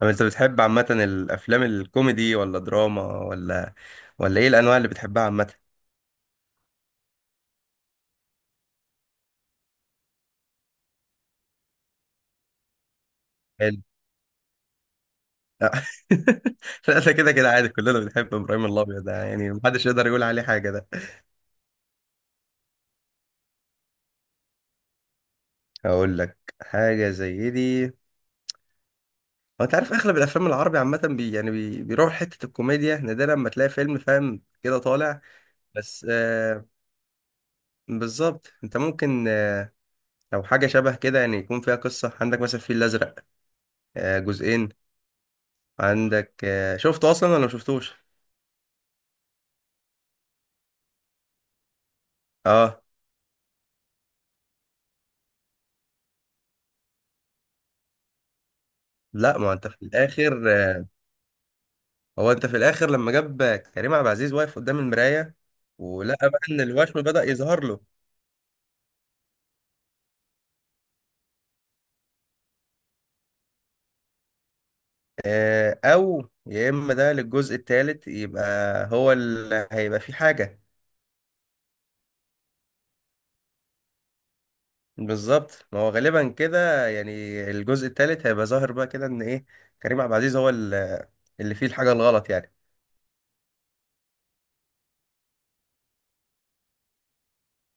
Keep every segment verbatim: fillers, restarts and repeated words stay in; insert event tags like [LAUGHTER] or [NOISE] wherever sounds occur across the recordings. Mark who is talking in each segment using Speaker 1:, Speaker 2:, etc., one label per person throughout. Speaker 1: طب انت بتحب عامة الافلام الكوميدي ولا دراما ولا ولا ايه الانواع اللي بتحبها عامة. حلو. لا، [LAUGHS] لا ده كده كده عادي، كلنا بنحب ابراهيم الابيض ده، يعني محدش يقدر يقول عليه حاجة ده. هقول لك حاجة زي دي. هو انت عارف اغلب الافلام العربي عامة بي يعني بي بيروح حتة الكوميديا، نادرا لما تلاقي فيلم فاهم كده طالع. بس آه بالظبط، انت ممكن آه لو حاجة شبه كده يعني يكون فيها قصة، عندك مثلا الفيل الازرق، آه جزئين. عندك آه شفته اصلا ولا ما شفتوش؟ اه. لا ما هو انت في الاخر، هو انت في الاخر لما جاب كريم عبد العزيز واقف قدام المرايه ولقى بقى ان الوشم بدأ يظهر له. آه، او يا اما ده للجزء الثالث، يبقى هو اللي هيبقى فيه حاجه. بالظبط، ما هو غالبا كده يعني. الجزء الثالث هيبقى ظاهر بقى كده ان ايه، كريم عبد العزيز هو اللي اللي فيه الحاجه الغلط يعني.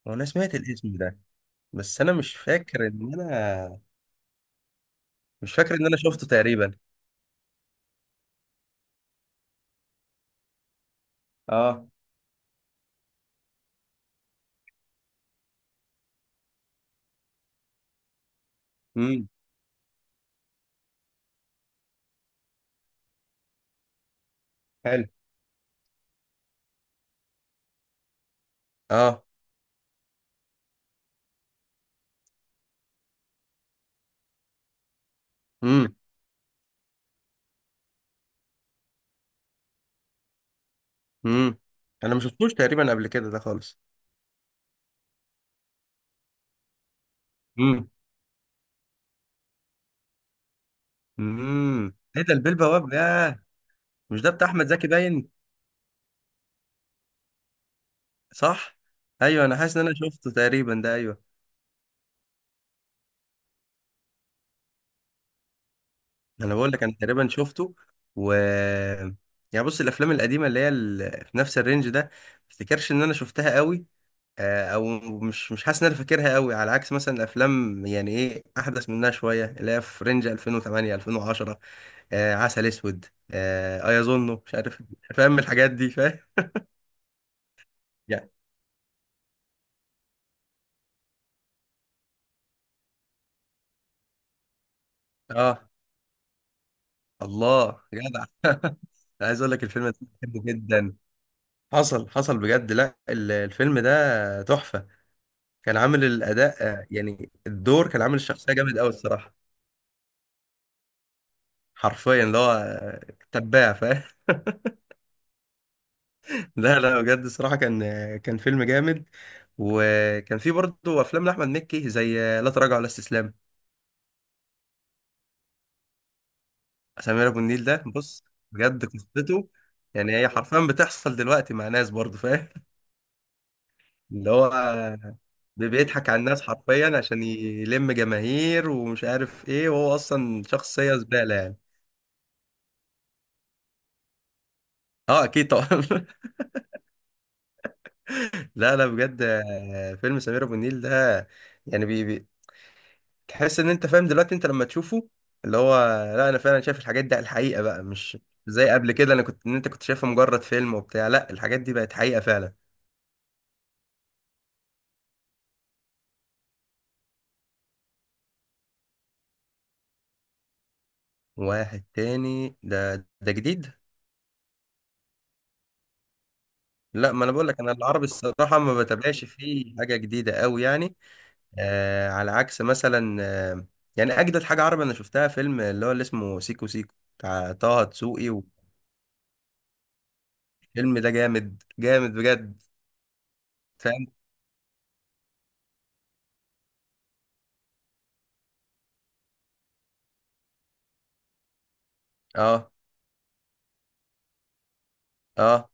Speaker 1: هو انا سمعت الاسم ده بس انا مش فاكر ان انا، مش فاكر ان انا شفته تقريبا. اه. امم. حلو. اه. امم. امم. انا ما شفتوش تقريبا قبل كده ده خالص. امم. امم، ايه ده البيه البواب، ياه. مش ده بتاع احمد زكي باين؟ صح. ايوه، انا حاسس ان انا شفته تقريبا ده، ايوه. انا بقول لك انا تقريبا شفته، و يعني بص، الافلام القديمه اللي هي ال- في نفس الرينج ده ما افتكرش ان انا شفتها قوي. آه، او مش مش حاسس ان انا فاكرها قوي، على عكس مثلا الافلام يعني ايه احدث منها شويه اللي هي في رينج ألفين وتمانية ألفين وعشرة. آه، عسل اسود، آه، ايظنه مش عارف، فاهم الحاجات دي. يا. اه. الله جدع. أنا عايز اقول لك الفيلم ده بحبه جدا. حصل حصل بجد، لا ال- الفيلم ده تحفة. كان عامل الأداء، آه، يعني الدور كان عامل الشخصية جامد قوي الصراحة. حرفيا اللي هو آه، تباع فاهم. [LAUGHS] لا لا بجد الصراحة كان، آه، كان فيلم جامد. وكان فيه برضه أفلام لأحمد مكي زي آه، لا تراجع ولا استسلام. سمير أبو النيل ده بص، بجد قصته يعني، هي حرفيا بتحصل دلوقتي مع ناس برضه فاهم. اللي هو بي- بيضحك على الناس حرفيا عشان يلم جماهير ومش عارف ايه، وهو اصلا شخصية زبالة يعني. اه اكيد طبعا. [LAUGHS] لا لا بجد، آه، فيلم سمير ابو النيل ده يعني بي بي تحس ان انت فاهم دلوقتي انت لما تشوفه، اللي هو، لا انا فعلا شايف الحاجات دي على الحقيقة بقى، مش زي قبل كده انا كنت، ان انت كنت شايفها مجرد فيلم وبتاع، لا الحاجات دي بقت حقيقة فعلا. واحد تاني ده ده جديد؟ لا ما انا بقول لك انا العربي الصراحة ما بتابعش فيه حاجة جديدة قوي يعني. آه على عكس مثلا آه يعني اجدد حاجه عربي انا شفتها فيلم اللي هو اللي اسمه سيكو سيكو بتاع طه دسوقي. والفيلم ده جامد جامد بجد. فاهم. اه. اه.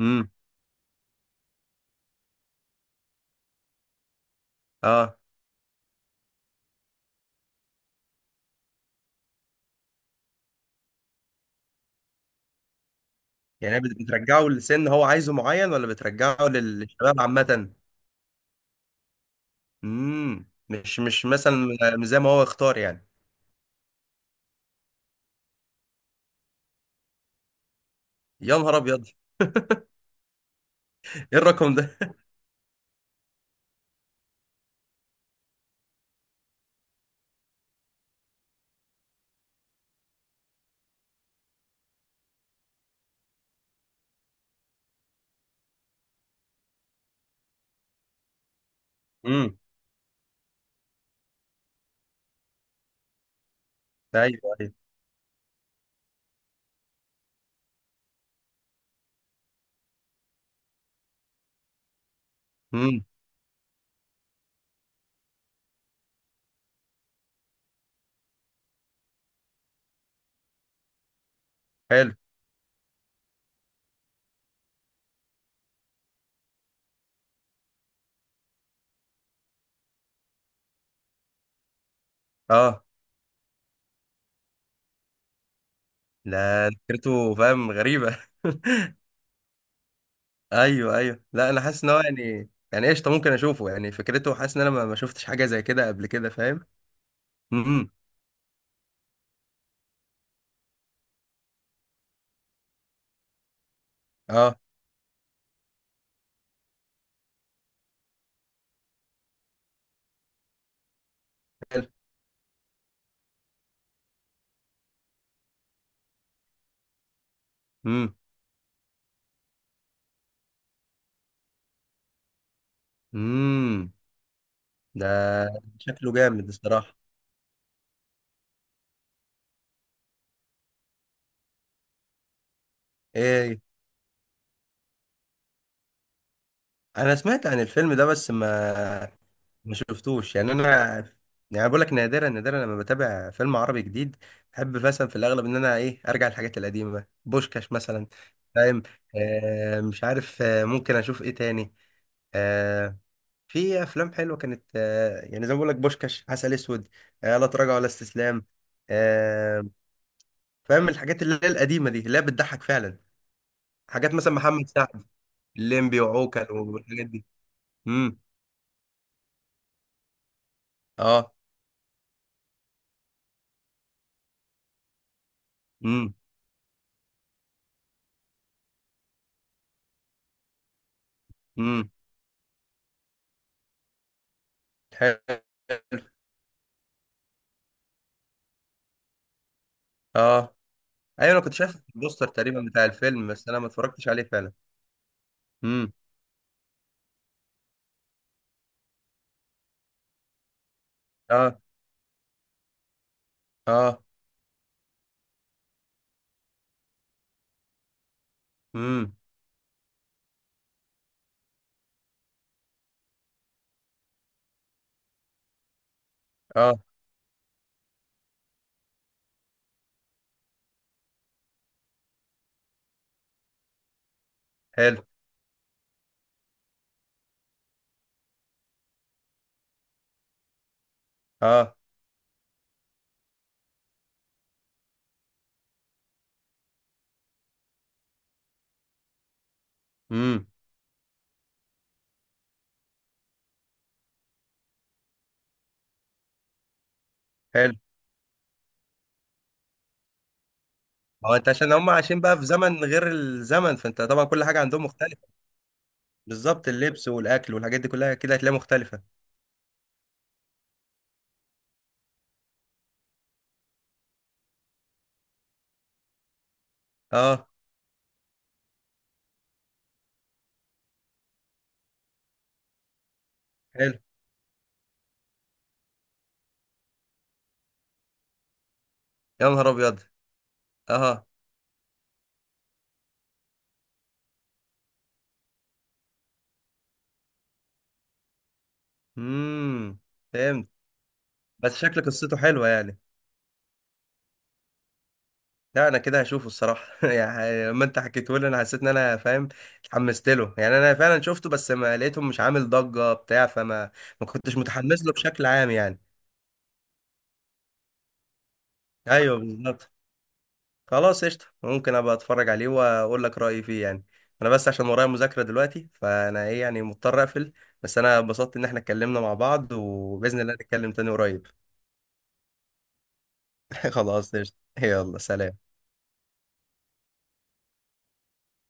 Speaker 1: امم. اه، يعني بت- بترجعه لسن هو عايزه معين، ولا بترجعه للشباب عامه؟ امم، مش مش مثلا مش زي ما هو اختار يعني. يا نهار ابيض. [LAUGHS] ايه الرقم ده؟ امم. ايوه ايوه. امم. حلو. اه. لا فكرته فاهم غريبه. [LAUGHS] ايوه ايوه، لا انا حاسس ان هو يعني يعني قشطه، ممكن اشوفه يعني، فكرته حاسس ان انا ما ما شفتش حاجه زي كده قبل كده فاهم. امم. اه. حلو. امم. امم. ده شكله جامد الصراحه. ايه. انا سمعت عن الفيلم ده بس ما، ما شفتوش يعني انا، يعني بقول لك نادرا، نادرا لما بتابع فيلم عربي جديد. بحب مثلا في الاغلب ان انا ايه ارجع للحاجات القديمه، بوشكاش مثلا، فاهم. آه مش عارف، آه ممكن اشوف ايه تاني. آه، في افلام حلوه كانت، آه، يعني زي ما بقول لك بوشكاش، عسل اسود، آه، لا تراجع ولا استسلام. آه، فاهم الحاجات اللي هي القديمه دي اللي هي بتضحك فعلا. حاجات مثلا محمد سعد، الليمبي وعوكل والحاجات دي. امم. اه. امم. امم. حلو. اه. ايوه انا كنت شايف البوستر تقريبا بتاع الفيلم، بس انا ما اتفرجتش عليه فعلا. امم. اه. اه. امم. اه. حلو. اه. امم. حلو. هو انت عشان هم عايشين بقى في زمن غير الزمن، فانت طبعا كل حاجه عندهم مختلفه. بالظبط، اللبس والاكل والحاجات دي كلها كده هتلاقيها مختلفه. اه. حلو. يا نهار ابيض. اه. امم. فهمت. بس شكل قصته حلوه يعني. لا انا كده هشوفه الصراحه. [LAUGHS] يعني لما انت حكيته لي انا حسيت ان انا فاهم، اتحمست له يعني. انا فعلا شفته بس ما لقيته مش عامل ضجه بتاع، فما ما كنتش متحمس له بشكل عام يعني. ايوه بالظبط. خلاص قشطة، ممكن ابقى اتفرج عليه واقول لك رأيي فيه يعني. انا بس عشان ورايا مذاكرة دلوقتي فانا ايه يعني مضطر اقفل، بس انا اتبسطت ان احنا اتكلمنا مع بعض، وبإذن الله نتكلم تاني قريب. [LAUGHS] خلاص قشطة، يلا سلام.